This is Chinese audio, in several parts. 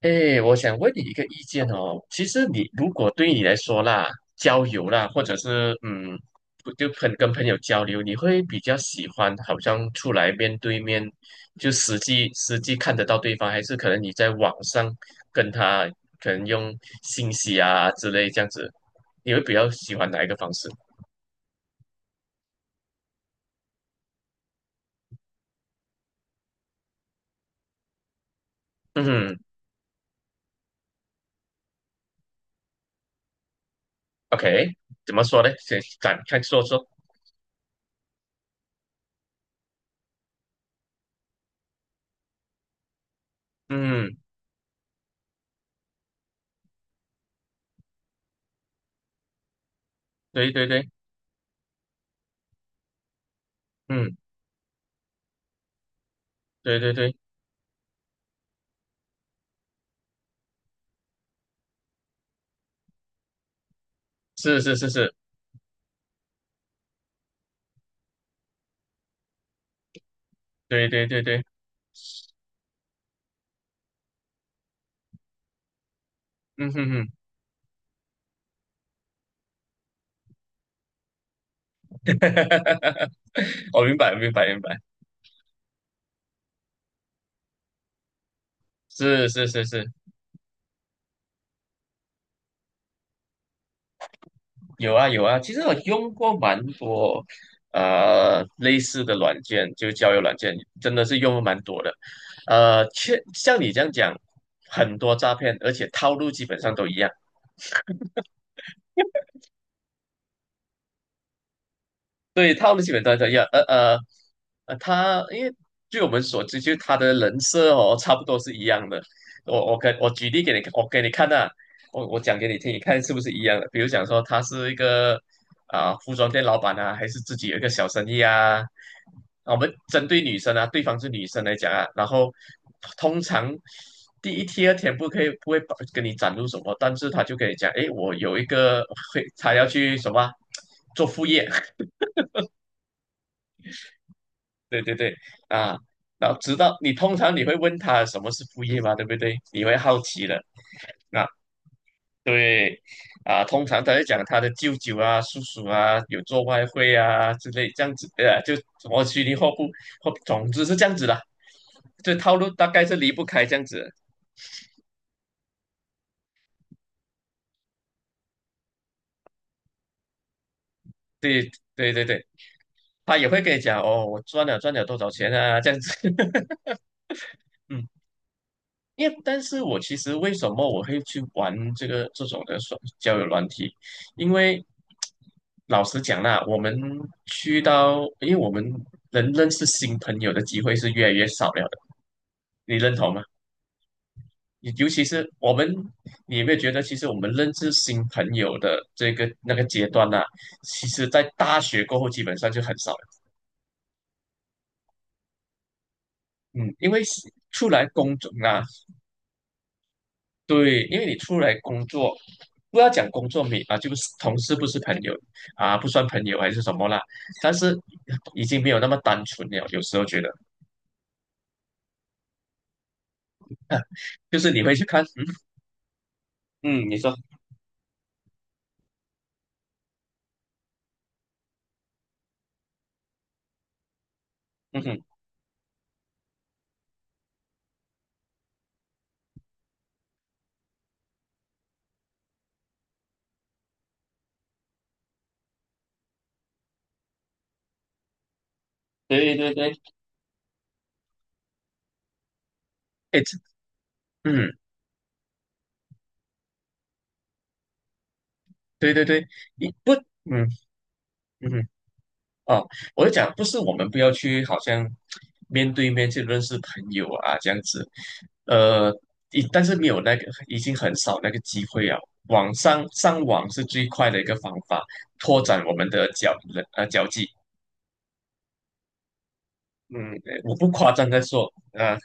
哎，我想问你一个意见哦。其实你如果对你来说啦，交友啦，或者是不就朋跟朋友交流，你会比较喜欢好像出来面对面，就实际看得到对方，还是可能你在网上跟他可能用信息啊之类这样子，你会比较喜欢哪一个方式？嗯，OK，怎么说呢？先展开说说。嗯，对对对，嗯，对对对，是是是是，对对对对，嗯哼哼。哈哈哈哈我明白，明白，明白，是是是是，有啊有啊。其实我用过蛮多类似的软件，就交友软件，真的是用了蛮多的。确像你这样讲，很多诈骗，而且套路基本上都一样。对，他们基本都一样，呃呃呃，他因为据我们所知，就是他的人设哦，差不多是一样的。我举例给你，我给你看呐、我讲给你听，你看是不是一样的？比如讲说他是一个啊、服装店老板啊，还是自己有一个小生意啊？啊我们针对女生啊，对方是女生来讲啊，然后通常第一、第二天不可以不会把跟你展露什么，但是他就跟你讲，诶，我有一个他要去什么啊做副业。对对对，啊，然后直到你通常你会问他什么是副业嘛，对不对？你会好奇的，啊，对，啊，通常他会讲他的舅舅啊、叔叔啊有做外汇啊之类这样子，就什么虚拟货币或总之是这样子的，这套路大概是离不开这样子。对对对对，他也会跟你讲哦，我赚了多少钱啊，这样子。因为，但是我其实为什么我会去玩这种的交友软体？因为老实讲啦，我们去到，因为我们能认识新朋友的机会是越来越少了的，你认同吗？你尤其是我们，你有没有觉得，其实我们认识新朋友的这个阶段呢、其实在大学过后基本上就很少了。嗯，因为是出来工作啊，对，因为你出来工作，不要讲工作没啊，就是同事不是朋友啊，不算朋友还是什么啦，但是已经没有那么单纯了。有时候觉得，就是你会去看，嗯嗯，你说，嗯哼，对对对，哎，这嗯，对对对，你不，嗯嗯。哦，我就讲，不是我们不要去，好像面对面去认识朋友啊，这样子，呃，但是没有那个，已经很少那个机会啊。网上上网是最快的一个方法，拓展我们的交际。嗯，我不夸张的说，啊、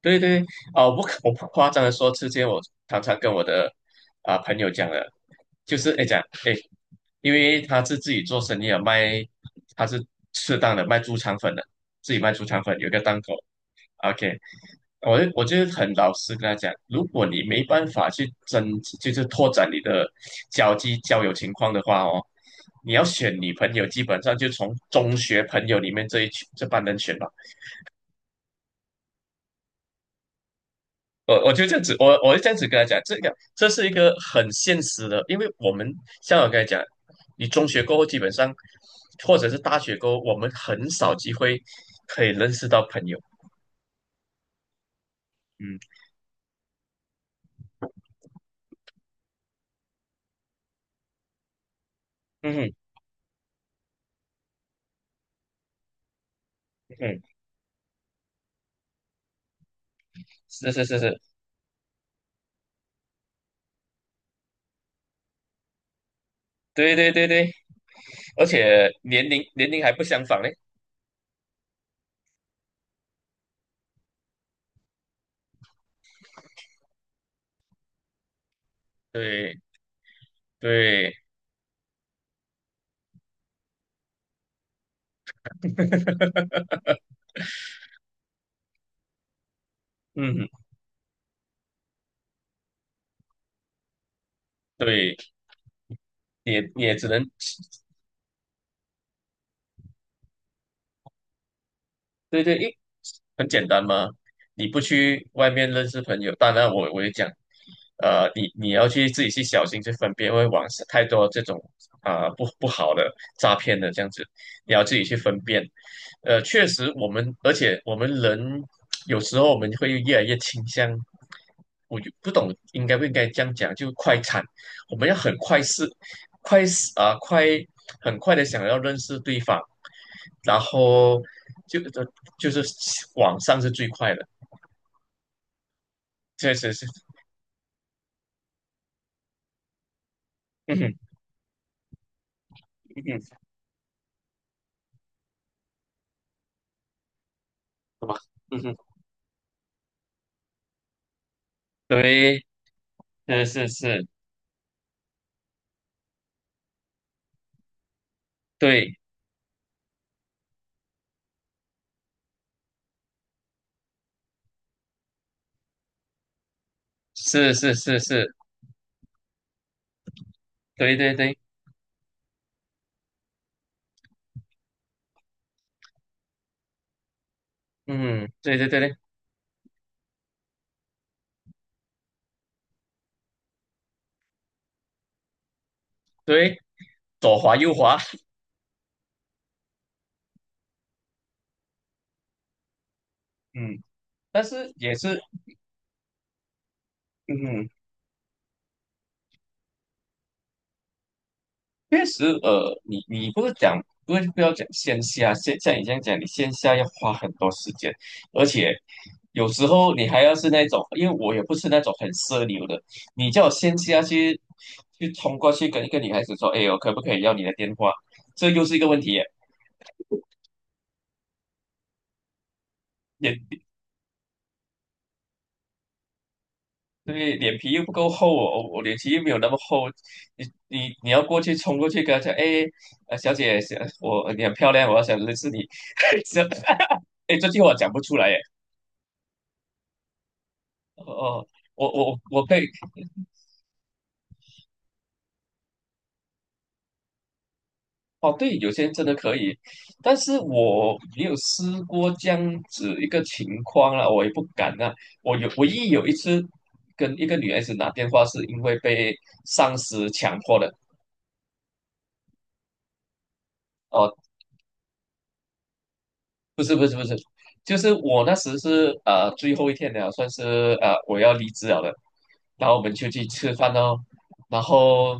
对对，哦，不可，我不夸张的说，之前我常常跟我的啊、朋友讲的，就是哎讲哎，因为他是自己做生意啊，卖他是适当的卖猪肠粉的，自己卖猪肠粉有一个档口，OK，我就很老实跟他讲，如果你没办法去增，就是拓展你的交际交友情况的话哦，你要选女朋友，基本上就从中学朋友里面这一群人选我就这样子，我就这样子跟他讲，这个这是一个很现实的，因为我们像我跟他讲，你中学过后基本上，或者是大学过后，我们很少机会可以认识到朋友。嗯嗯嗯，是是是是，对对对对，而且年龄还不相仿嘞。对对，嗯，对，也也只能对对，很简单嘛，你不去外面认识朋友，当然我也讲，呃，你你要去自己去小心去分辨，因为网上太多这种啊、不好的诈骗的这样子，你要自己去分辨。呃，确实我们，而且我们人有时候我们会越来越倾向，我就不懂应该不应该这样讲，就快餐，我们要很快是快是啊、快很快的想要认识对方，然后就就是网上是最快的，确实是，嗯哼，嗯哼，好吧，嗯哼，对，是是是，对，是是是是，对对对，嗯，对对对对对，左滑右滑，嗯，但是也是，嗯哼。确实，呃，你你不是讲不是不要讲线下，像你这样讲，你线下要花很多时间，而且有时候你还要是那种，因为我也不是那种很奢流的，你叫我线下去冲过去跟一个女孩子说，哎，我可不可以要你的电话？这又是一个问题耶，脸对脸皮又不够厚哦，我脸皮又没有那么厚，你要过去冲过去跟她讲，哎，呃，小姐，你很漂亮，我要想认识你，这 哎，这句话讲不出来耶。哦，我可以哦，对，有些人真的可以，但是我没有试过这样子一个情况啦，我也不敢啊。我有唯一有一次跟一个女孩子打电话，是因为被上司强迫的。哦。不是不是不是，就是我那时是最后一天了，算是我要离职了的，然后我们就去吃饭哦，然后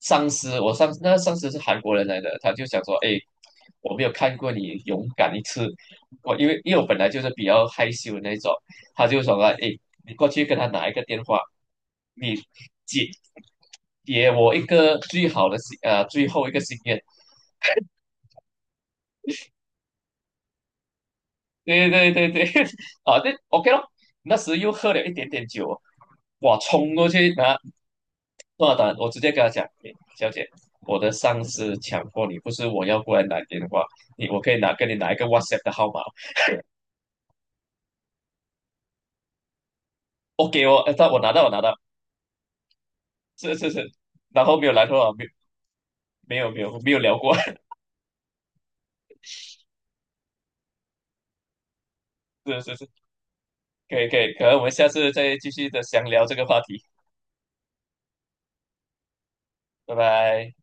上司我上那上司是韩国人来的，他就想说，哎，我没有看过你勇敢一次，我因为我本来就是比较害羞的那种，他就说了，哎，你过去跟他拿一个电话，你解给我一个最后一个心愿，对对对对，啊，对，OK 咯。那时又喝了一点点酒，哇，冲过去拿多单，我直接跟他讲，诶小姐，我的上司强迫你，不是我要过来拿电话，我可以跟你拿一个 WhatsApp 的号码，OK 哦，我拿到，是是是，然后没有来头话，没有没有没有没有聊过，是是是，可以可以，可能我们下次再继续的详聊这个话题，拜拜。